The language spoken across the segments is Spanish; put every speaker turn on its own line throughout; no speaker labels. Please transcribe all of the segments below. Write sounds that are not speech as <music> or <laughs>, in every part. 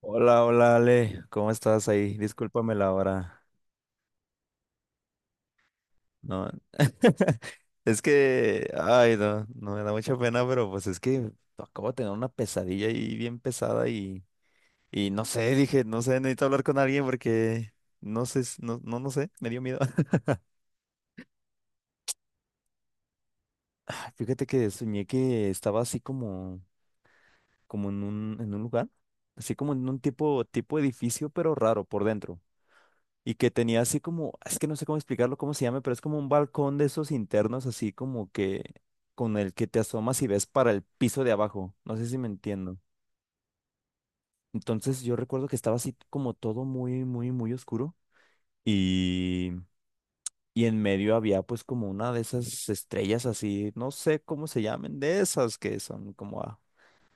Hola, hola Ale, ¿cómo estás ahí? Discúlpame la hora. No, <laughs> es que, ay, no me da mucha pena, pero pues es que acabo de tener una pesadilla ahí bien pesada y no sé, dije, no sé, necesito hablar con alguien porque no sé, no, no sé, me dio miedo. <laughs> Fíjate que soñé que estaba así como, como en en un lugar, así como en un tipo, tipo edificio, pero raro por dentro. Y que tenía así como, es que no sé cómo explicarlo, cómo se llama, pero es como un balcón de esos internos, así como que con el que te asomas y ves para el piso de abajo. No sé si me entiendo. Entonces yo recuerdo que estaba así como todo muy, muy, muy oscuro y, y en medio había pues como una de esas estrellas así, no sé cómo se llamen, de esas que son como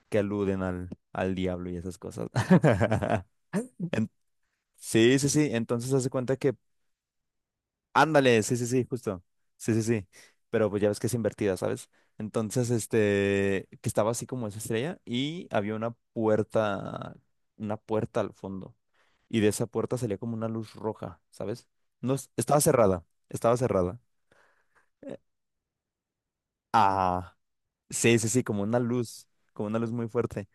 que aluden al diablo y esas cosas. <laughs> En- sí, sí, sí. Entonces hace cuenta que ándale, sí, sí, sí, justo. Sí, sí, sí. Pero pues ya ves que es invertida, ¿sabes? Entonces, este, que estaba así como esa estrella y había una puerta al fondo. Y de esa puerta salía como una luz roja, ¿sabes? No, estaba cerrada, estaba cerrada. Eh, Ah, sí, sí, sí, como una luz muy fuerte.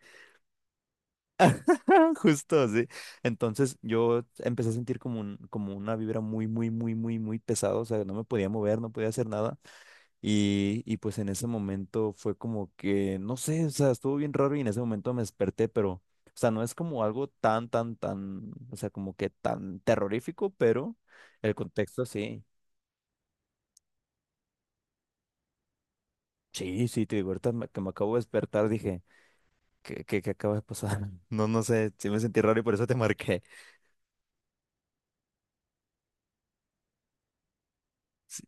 <laughs> Justo, sí. Entonces yo empecé a sentir como un, como una vibra muy, muy, muy, muy, muy pesada. O sea, no me podía mover, no podía hacer nada. Y pues en ese momento fue como que, no sé, o sea, estuvo bien raro y en ese momento me desperté, pero, o sea, no es como algo tan, tan, tan, o sea, como que tan terrorífico, pero el contexto sí. Sí, sí, te digo, ahorita que me acabo de despertar dije, ¿qué, qué, qué acaba de pasar? <laughs> No, no sé, sí me sentí raro y por eso te marqué. Sí,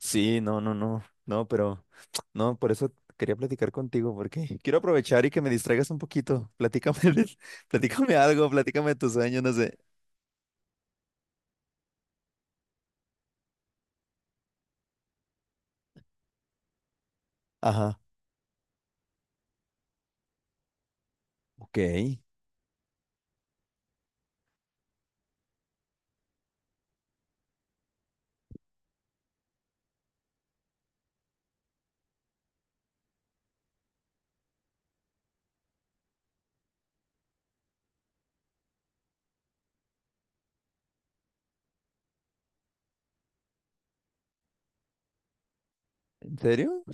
sí, no, no, no, no, pero, <tsk> no, por eso quería platicar contigo, porque quiero aprovechar y que me distraigas un poquito. Platícame, <laughs> platícame algo, platícame tus sueños, no sé. Ajá. Ok, ¿en serio?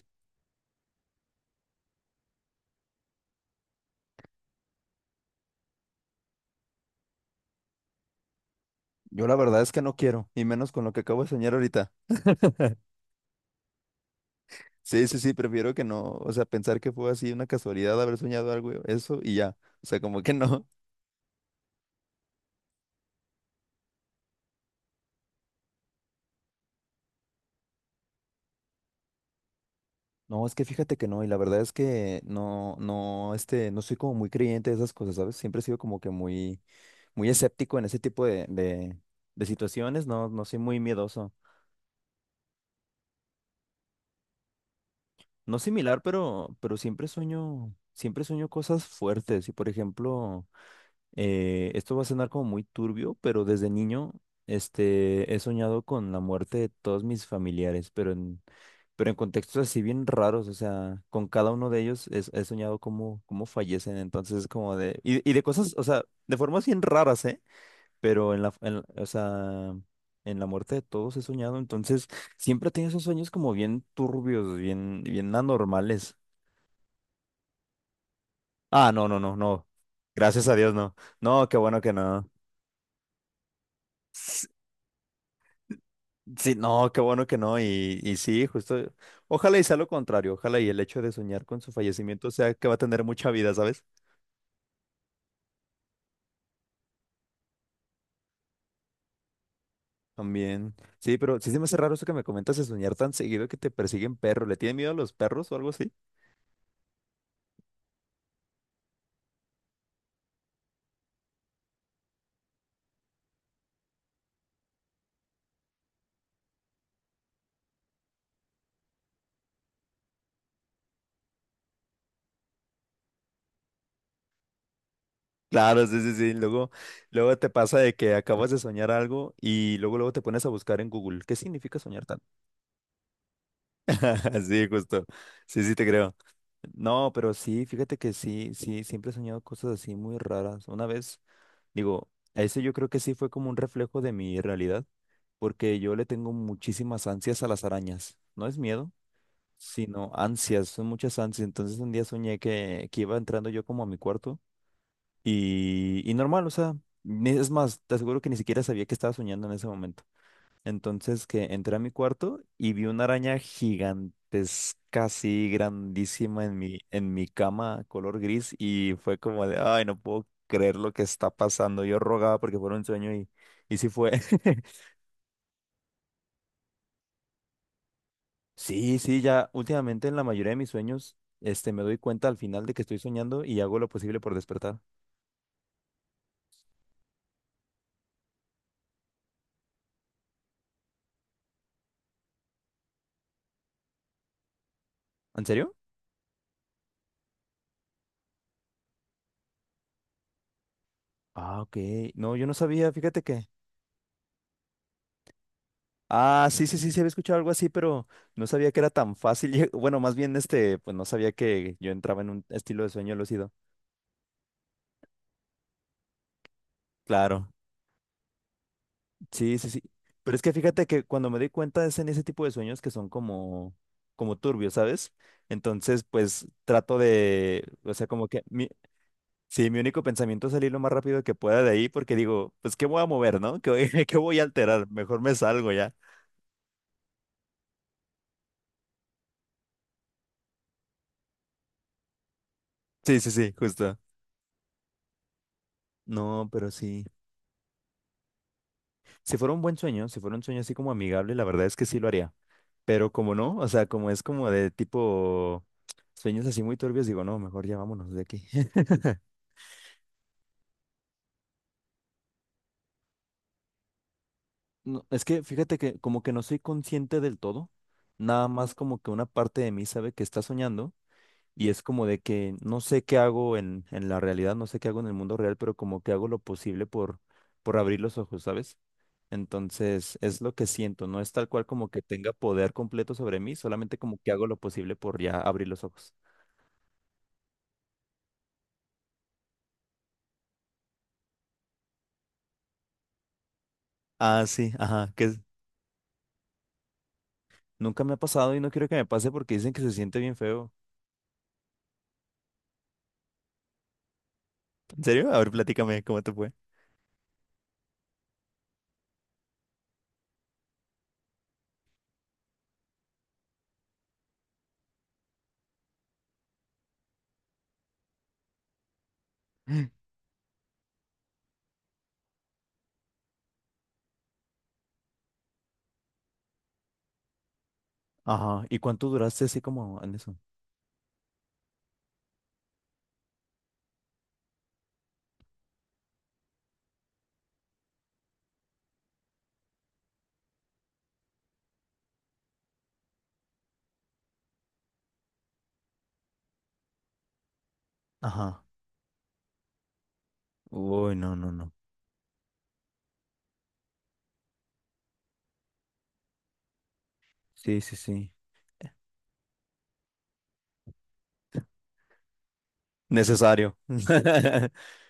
Yo la verdad es que no quiero, y menos con lo que acabo de soñar ahorita. Sí, sí, sí, prefiero que no, o sea, pensar que fue así una casualidad haber soñado algo, eso y ya. O sea, como que no. <laughs> No, es que fíjate que no, y la verdad es que no, no, este, no soy como muy creyente de esas cosas, ¿sabes? Siempre he sido como que muy, muy escéptico en ese tipo de, de situaciones, no, no soy muy miedoso. No similar, pero siempre sueño cosas fuertes, y por ejemplo... esto va a sonar como muy turbio, pero desde niño, este, he soñado con la muerte de todos mis familiares, pero en contextos así bien raros, o sea, con cada uno de ellos he, soñado cómo, cómo fallecen, entonces como de, y de cosas, o sea, de formas bien raras, ¿eh? Pero en o sea, en la muerte de todos he soñado, entonces siempre he tenido esos sueños como bien turbios, bien, bien anormales. Ah, no, no, no, no. Gracias a Dios, no. No, qué bueno que no. Sí, no, qué bueno que no. Y sí, justo. Ojalá y sea lo contrario. Ojalá y el hecho de soñar con su fallecimiento sea que va a tener mucha vida, ¿sabes? También. Sí, pero sí se me hace raro eso que me comentas de soñar tan seguido que te persiguen perros. ¿Le tienen miedo a los perros o algo así? Claro, sí, sí, sí. Luego, luego te pasa de que acabas de soñar algo y luego, luego te pones a buscar en Google. ¿Qué significa soñar tan? <laughs> Sí, justo. Sí, sí, te creo. No, pero sí, fíjate que sí, sí, siempre he soñado cosas así muy raras. Una vez. Digo, a ese yo creo que sí fue como un reflejo de mi realidad, porque yo le tengo muchísimas ansias a las arañas. No es miedo, sino ansias, son muchas ansias. Entonces un día soñé que iba entrando yo como a mi cuarto y normal, o sea, es más, te aseguro que ni siquiera sabía que estaba soñando en ese momento. Entonces que entré a mi cuarto y vi una araña gigantesca, así grandísima en en mi cama, color gris, y fue como de, ay, no puedo creer lo que está pasando. Yo rogaba porque fuera un sueño y sí fue. <laughs> Sí, sí, ya últimamente en la mayoría de mis sueños, este, me doy cuenta al final de que estoy soñando y hago lo posible por despertar. ¿En serio? Ah, ok. No, yo no sabía, fíjate que... Ah, sí, sí, sí, se había escuchado algo así, pero no sabía que era tan fácil. <laughs> Bueno, más bien, este, pues no sabía que yo entraba en un estilo de sueño lúcido. Claro, sí, sí, sí. Pero es que fíjate que cuando me doy cuenta es en ese tipo de sueños que son como, como turbios, ¿sabes? Entonces, pues trato de, o sea, como que mi, sí, mi único pensamiento es salir lo más rápido que pueda de ahí, porque digo, pues, ¿qué voy a mover, no? ¿Qué, <laughs> qué voy a alterar? Mejor me salgo ya. Sí, sí, sí, justo. No, pero sí. Si fuera un buen sueño, si fuera un sueño así como amigable, la verdad es que sí lo haría. Pero como no, o sea, como es como de tipo sueños así muy turbios, digo, no, mejor ya vámonos de aquí. <laughs> No, es que fíjate que como que no soy consciente del todo, nada más como que una parte de mí sabe que está soñando y es como de que no sé qué hago en la realidad, no sé qué hago en el mundo real, pero como que hago lo posible por abrir los ojos, ¿sabes? Entonces, es lo que siento, no es tal cual como que tenga poder completo sobre mí, solamente como que hago lo posible por ya abrir los ojos. Ah, sí, ajá, que nunca me ha pasado y no quiero que me pase porque dicen que se siente bien feo. ¿En serio? A ver, platícame cómo te fue. Ajá, ¿y cuánto duraste así como en eso? Ajá. Uy, no, no, no. Sí, sí, sí. Necesario. <laughs>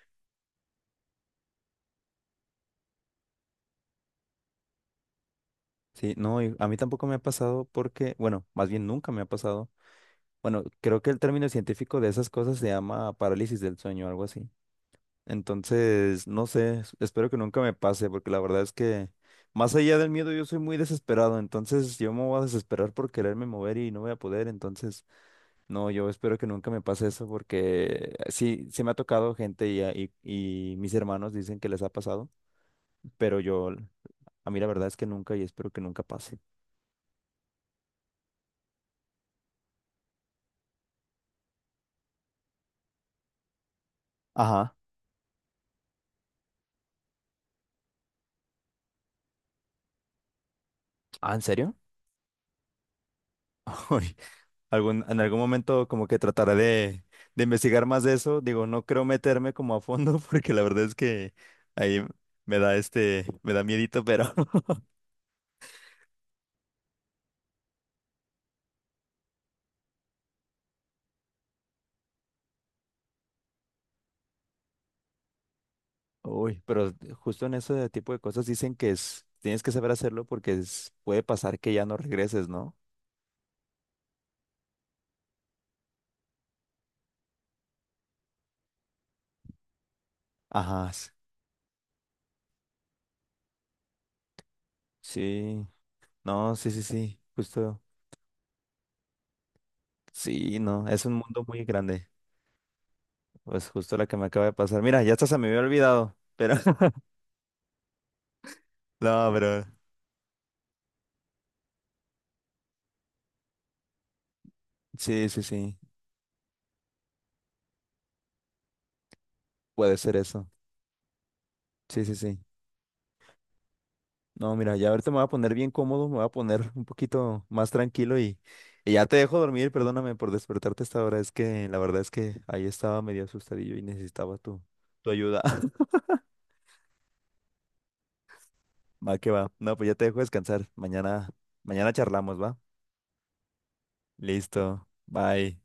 Sí, no, y a mí tampoco me ha pasado porque, bueno, más bien nunca me ha pasado. Bueno, creo que el término científico de esas cosas se llama parálisis del sueño, algo así. Entonces, no sé, espero que nunca me pase, porque la verdad es que más allá del miedo yo soy muy desesperado, entonces yo me voy a desesperar por quererme mover y no voy a poder, entonces, no, yo espero que nunca me pase eso, porque sí, sí me ha tocado gente y mis hermanos dicen que les ha pasado, pero yo, a mí la verdad es que nunca y espero que nunca pase. Ajá. Ah, ¿en serio? <laughs> Uy, algún, en algún momento como que trataré de investigar más de eso. Digo, no creo meterme como a fondo <laughs> porque la verdad es que ahí me da este, me da miedito, pero <laughs> uy, pero justo en ese tipo de cosas dicen que es, tienes que saber hacerlo porque puede pasar que ya no regreses, ¿no? Ajá, sí, no, sí, sí, sí, justo, sí, no, es un mundo muy grande. Pues justo la que me acaba de pasar. Mira, ya hasta se me había olvidado, pero <laughs> no, pero sí, sí, sí. Puede ser eso. Sí, sí, sí. No, mira, ya ahorita me voy a poner bien cómodo, me voy a poner un poquito más tranquilo y ya te dejo dormir. Perdóname por despertarte a esta hora. Es que la verdad es que ahí estaba medio asustadillo y necesitaba tu ayuda. <laughs> Va que va. No, pues ya te dejo descansar. Mañana, mañana charlamos, ¿va? Listo. Bye.